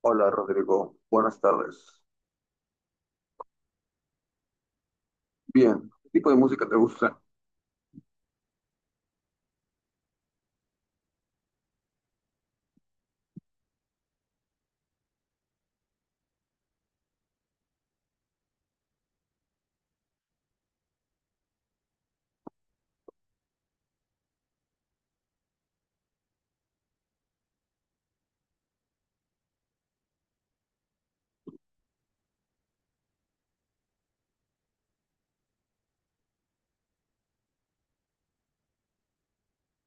Hola Rodrigo, buenas tardes. Bien, ¿qué tipo de música te gusta?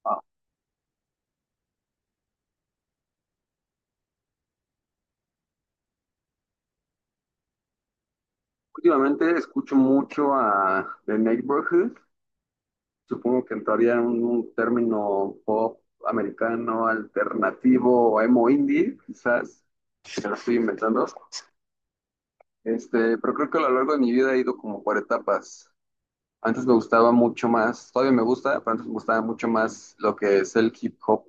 Ah, últimamente escucho mucho a The Neighborhood, supongo que entraría en un término pop americano, alternativo o emo indie, quizás, si me lo estoy inventando. Pero creo que a lo largo de mi vida he ido como por etapas. Antes me gustaba mucho más, todavía me gusta, pero antes me gustaba mucho más lo que es el hip hop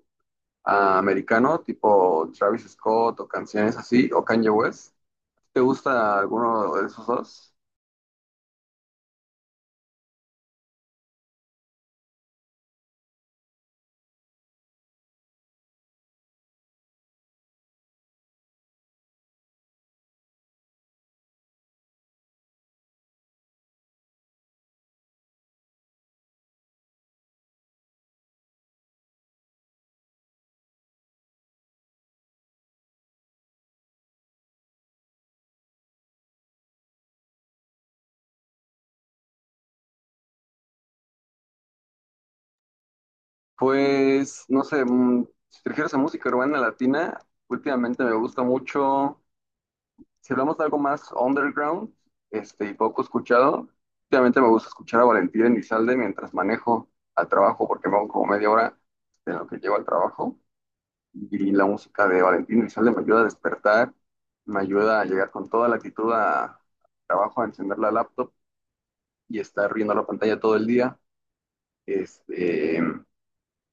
americano, tipo Travis Scott o canciones así, o Kanye West. ¿Te gusta alguno de esos dos? Pues, no sé, si te refieres a música urbana latina, últimamente me gusta mucho, si hablamos de algo más underground, y poco escuchado, últimamente me gusta escuchar a Valentín Elizalde mientras manejo al trabajo, porque me hago como media hora de lo que llevo al trabajo, y la música de Valentín Elizalde me ayuda a despertar, me ayuda a llegar con toda la actitud al trabajo, a encender la laptop y estar viendo la pantalla todo el día. Este,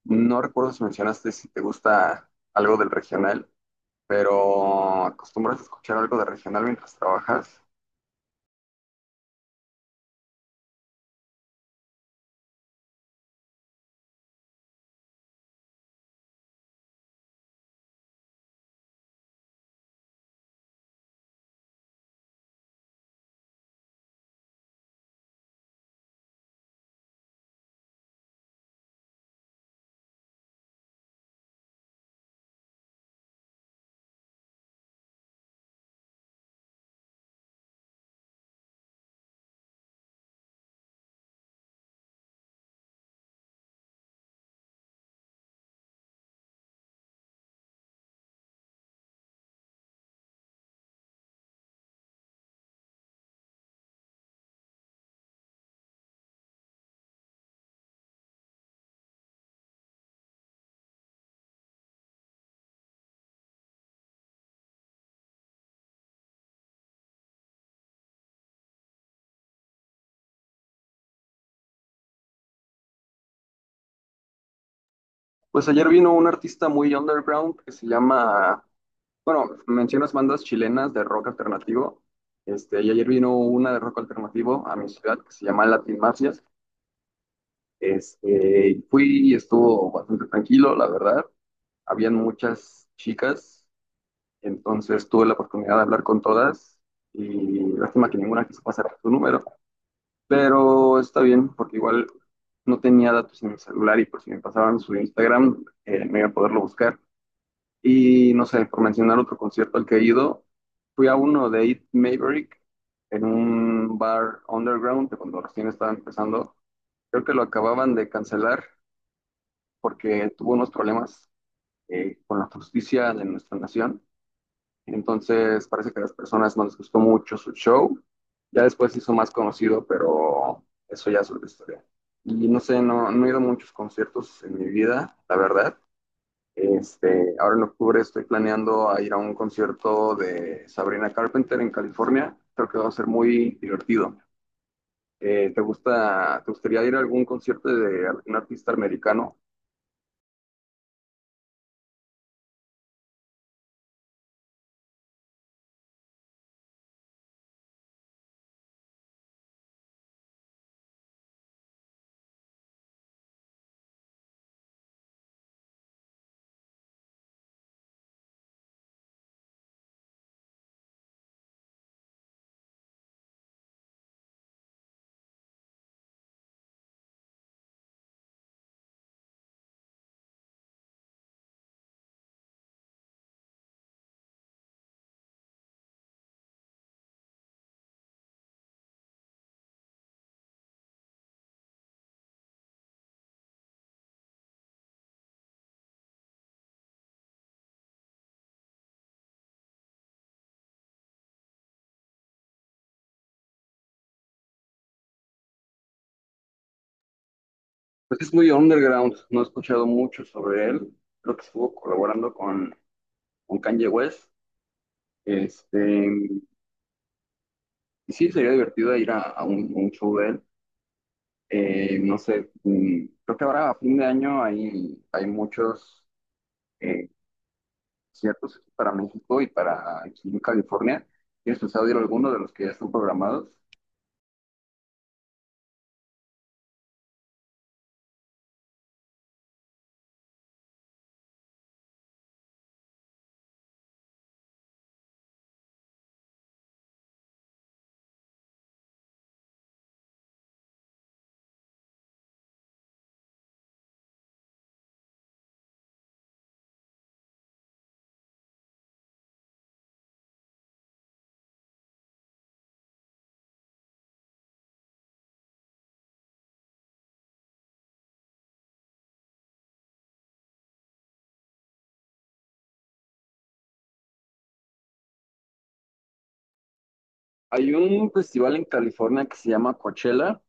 No recuerdo si mencionaste si te gusta algo del regional, pero ¿acostumbras a escuchar algo de regional mientras trabajas? Pues ayer vino un artista muy underground que se llama, bueno, mencionas bandas chilenas de rock alternativo. Y ayer vino una de rock alternativo a mi ciudad que se llama Latin Mafias. Y fui y estuvo bastante tranquilo, la verdad. Habían muchas chicas, entonces tuve la oportunidad de hablar con todas y lástima que ninguna quiso pasar su número. Pero está bien, porque igual no tenía datos en mi celular y por si me pasaban su Instagram, me iba a poderlo buscar. Y no sé, por mencionar otro concierto al que he ido, fui a uno de Eat Maverick en un bar underground que cuando recién estaba empezando. Creo que lo acababan de cancelar porque tuvo unos problemas con la justicia de nuestra nación, entonces parece que a las personas no les gustó mucho su show. Ya después se hizo más conocido, pero eso ya es otra historia. Y no sé, no, no he ido a muchos conciertos en mi vida, la verdad. Ahora en octubre estoy planeando a ir a un concierto de Sabrina Carpenter en California. Creo que va a ser muy divertido. ¿Te gusta, te gustaría ir a algún concierto de algún artista americano? Pues sí, es muy underground, no he escuchado mucho sobre él. Creo que estuvo colaborando con Kanye West. Este, y sí, sería divertido ir a un show de él. No sé, creo que ahora a fin de año hay, hay muchos eh, conciertos para México y para aquí en California. ¿Tienes pensado ir a alguno de los que ya están programados? Hay un festival en California que se llama Coachella,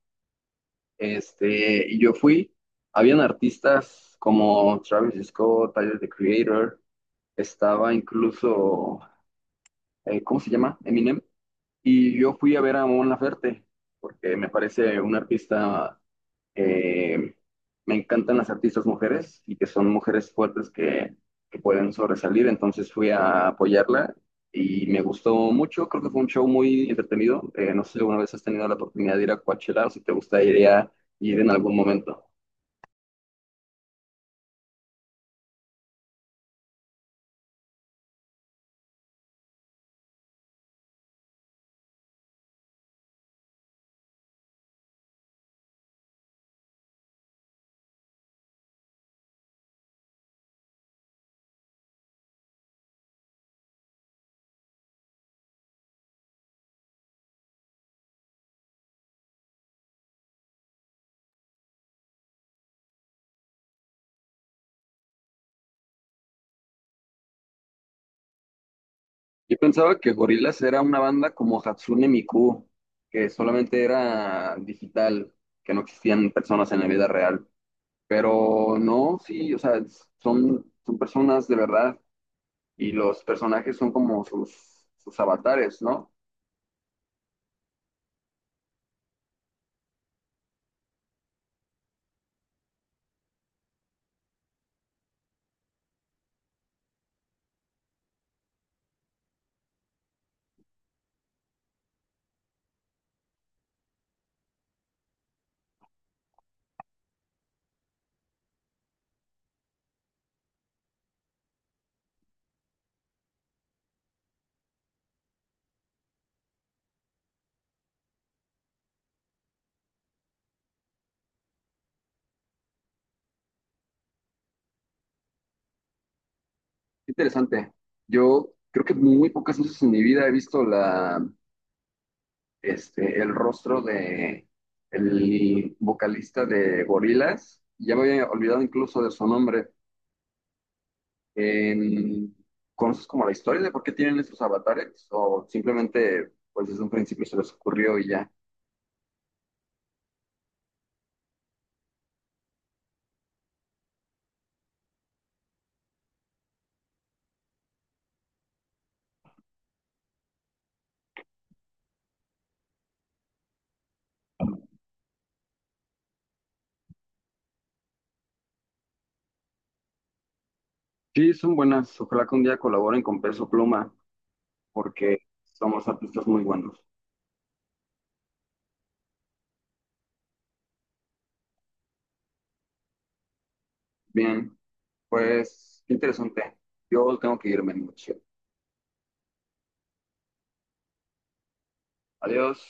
y yo fui. Habían artistas como Travis Scott, Tyler, The Creator, estaba incluso, ¿cómo se llama? Eminem. Y yo fui a ver a Mon Laferte, porque me parece una artista, eh, me encantan las artistas mujeres y que son mujeres fuertes que pueden sobresalir, entonces fui a apoyarla y me gustó mucho, creo que fue un show muy entretenido. No sé si alguna vez has tenido la oportunidad de ir a Coachella o si te gustaría ir en algún momento. Yo pensaba que Gorillaz era una banda como Hatsune Miku, que solamente era digital, que no existían personas en la vida real. Pero no, sí, o sea, son, son personas de verdad y los personajes son como sus, sus avatares, ¿no? Interesante. Yo creo que muy pocas veces en mi vida he visto la, el rostro de el vocalista de Gorillaz. Ya me había olvidado incluso de su nombre. En, ¿conoces como la historia de por qué tienen esos avatares? ¿O simplemente, pues desde un principio se les ocurrió y ya? Sí, son buenas. Ojalá que un día colaboren con Peso Pluma, porque somos artistas muy buenos. Bien, pues qué interesante. Yo tengo que irme, mucho. Adiós.